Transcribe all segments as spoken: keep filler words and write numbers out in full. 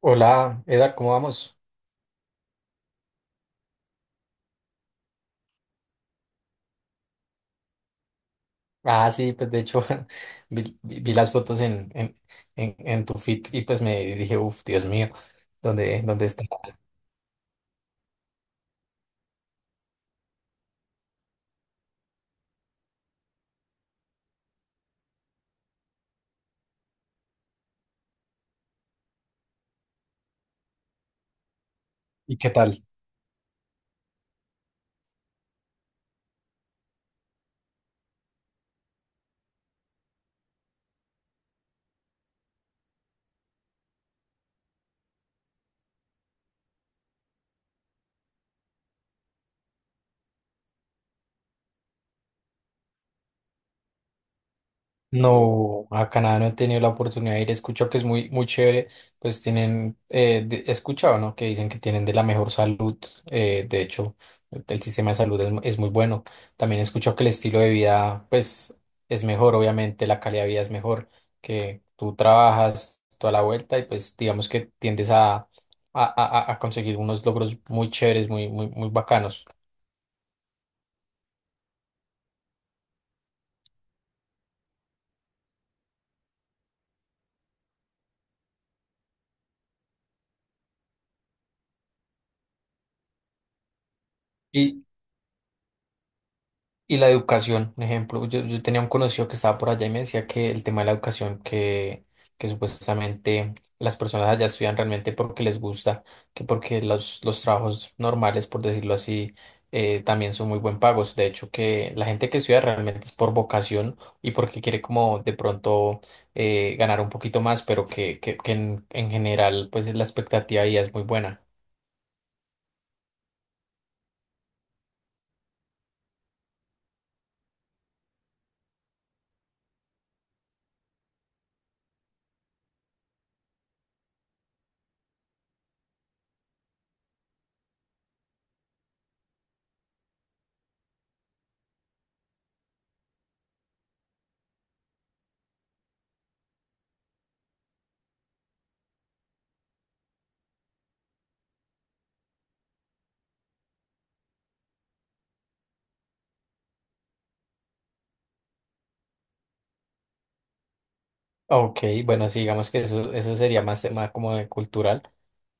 Hola, Eda, ¿cómo vamos? Ah, sí, pues de hecho vi, vi- vi las fotos en, en, en, en tu feed y pues me dije, uff, Dios mío, ¿dónde, dónde está? ¿Y qué tal? No, a Canadá no he tenido la oportunidad de ir. He escuchado que es muy, muy chévere. Pues tienen, eh, de- he escuchado, ¿no? Que dicen que tienen de la mejor salud. Eh, de hecho, el el sistema de salud es, mu- es muy bueno. También he escuchado que el estilo de vida, pues, es mejor, obviamente, la calidad de vida es mejor, que tú trabajas toda la vuelta y pues digamos que tiendes a, a, a- a conseguir unos logros muy chéveres, muy, muy, muy bacanos. Y la educación, un ejemplo, yo, yo tenía un conocido que estaba por allá y me decía que el tema de la educación, que, que supuestamente las personas allá estudian realmente porque les gusta, que porque los, los trabajos normales, por decirlo así, eh, también son muy buen pagos. De hecho, que la gente que estudia realmente es por vocación y porque quiere como de pronto, eh, ganar un poquito más, pero que, que, que en, en general pues la expectativa ya es muy buena. Ok, bueno, sí, digamos que eso, eso sería más tema como de cultural.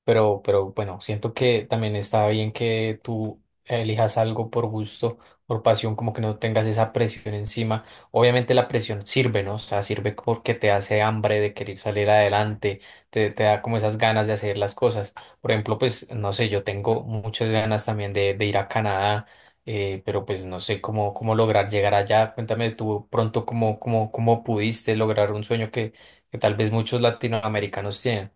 Pero, pero bueno, siento que también está bien que tú elijas algo por gusto, por pasión, como que no tengas esa presión encima. Obviamente la presión sirve, ¿no? O sea, sirve porque te hace hambre de querer salir adelante, te, te da como esas ganas de hacer las cosas. Por ejemplo, pues, no sé, yo tengo muchas ganas también de, de ir a Canadá, eh, pero pues no sé cómo, cómo lograr llegar allá. Cuéntame tú pronto cómo, cómo, cómo pudiste lograr un sueño que, que tal vez muchos latinoamericanos tienen.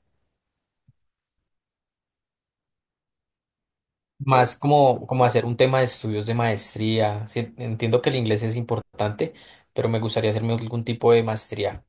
Más como, como hacer un tema de estudios de maestría. Sí, entiendo que el inglés es importante, pero me gustaría hacerme algún tipo de maestría.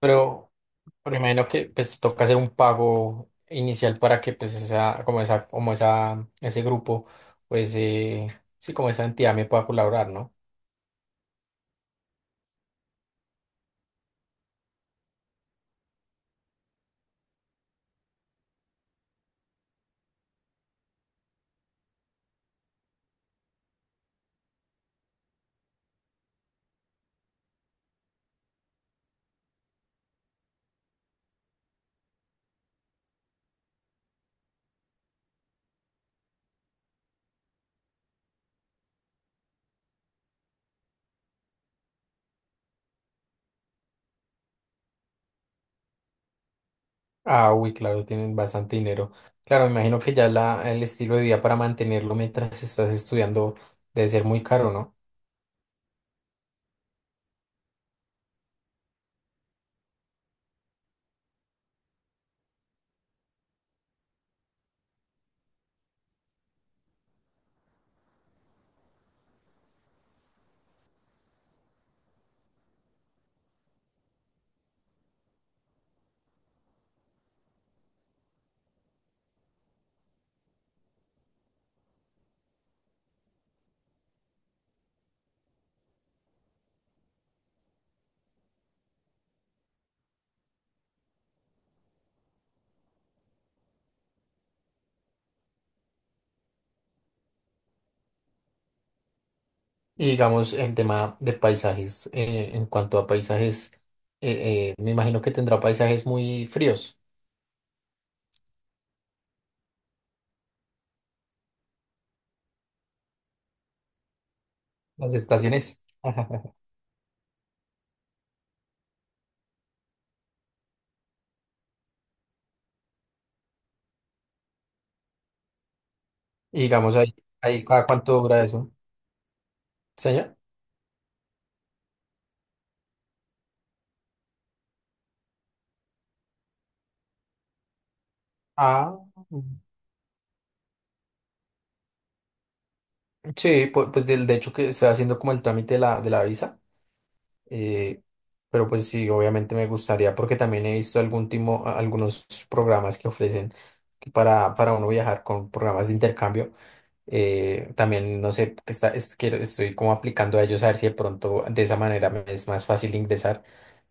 Pero, pero imagino que pues toca hacer un pago inicial para que pues esa, como esa, como esa, ese grupo, pues, eh, sí, como esa entidad me pueda colaborar, ¿no? Ah, uy, claro, tienen bastante dinero. Claro, me imagino que ya la, el estilo de vida para mantenerlo mientras estás estudiando debe ser muy caro, ¿no? Y digamos, el tema de paisajes, eh, en cuanto a paisajes, eh, eh, me imagino que tendrá paisajes muy fríos, las estaciones. Y digamos, ahí, ahí, ¿cada cuánto dura eso? ¿Señor? Ah, sí, pu- pues, del de hecho que está haciendo como el trámite de la, de la visa, eh, pero pues sí, obviamente me gustaría porque también he visto algún timo- a- algunos programas que ofrecen que para, para uno viajar con programas de intercambio. Eh, también no sé, que está, es- quiero- estoy como aplicando a ellos a ver si de pronto de esa manera me es más fácil ingresar,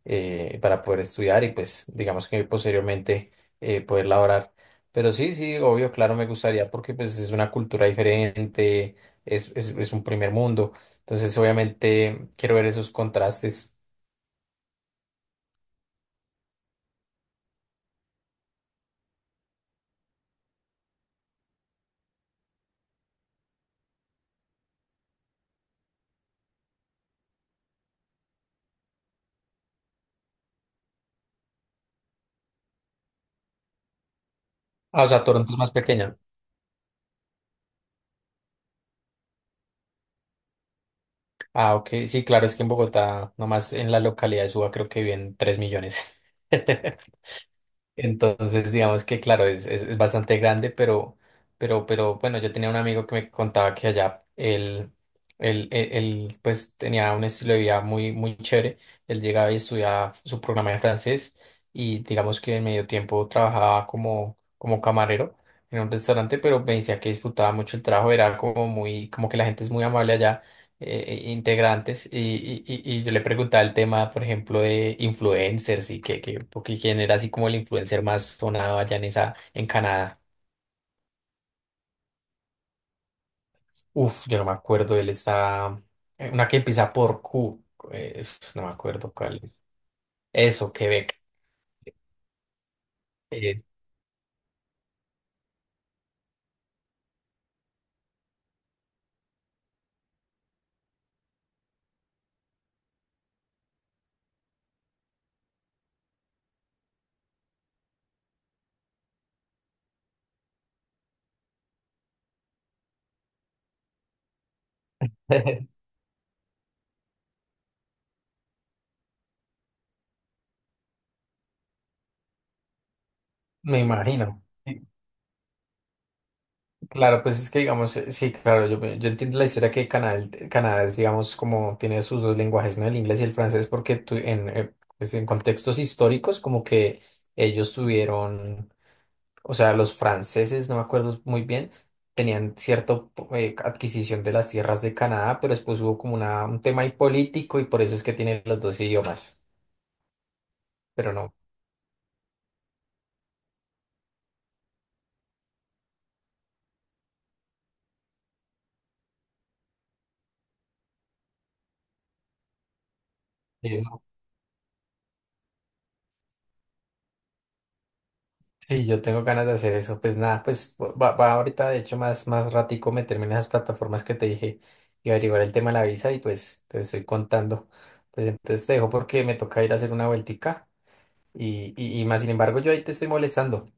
eh, para poder estudiar y pues digamos que posteriormente, eh, poder laborar. Pero sí, sí, obvio, claro, me gustaría porque pues es una cultura diferente, es, es, es un primer mundo. Entonces obviamente quiero ver esos contrastes. Ah, o sea, Toronto es más pequeña. Ah, ok, sí, claro, es que en Bogotá, nomás en la localidad de Suba creo que viven tres millones. Entonces, digamos que claro, es, es, es bastante grande, pero, pero, pero bueno, yo tenía un amigo que me contaba que allá él, él, él, él, pues tenía un estilo de vida muy, muy chévere. Él llegaba y estudiaba su programa de francés y digamos que en medio tiempo trabajaba como, como camarero en un restaurante, pero me decía que disfrutaba mucho el trabajo, era como muy, como que la gente es muy amable allá, eh, eh, integrantes y, y, y- y yo le preguntaba el tema, por ejemplo, de influencers y que, que, porque quién era así como el influencer más sonado allá en esa, en Canadá. Uf, yo no me acuerdo, él está, eh, una que empieza por Q, eh, uf, no me acuerdo cuál. Eso, Quebec. Eh, me imagino. Claro, pues es que digamos, eh, sí, claro, yo, yo entiendo la historia que Canadá, el- Canadá es, digamos, como tiene sus dos lenguajes, ¿no? El inglés y el francés, porque tu- en, eh, pues en contextos históricos, como que ellos tuvieron, o sea, los franceses, no me acuerdo muy bien, tenían cierta adquisición de las tierras de Canadá, pero después hubo como una, un tema ahí político y por eso es que tienen los dos idiomas, pero no. Sí, yo tengo ganas de hacer eso. Pues nada, pues va, va ahorita, de hecho, más, más ratico meterme en esas plataformas que te dije y averiguar el tema de la visa y pues te estoy contando. Pues entonces te dejo porque me toca ir a hacer una vueltica y, y, y más sin embargo yo ahí te estoy molestando.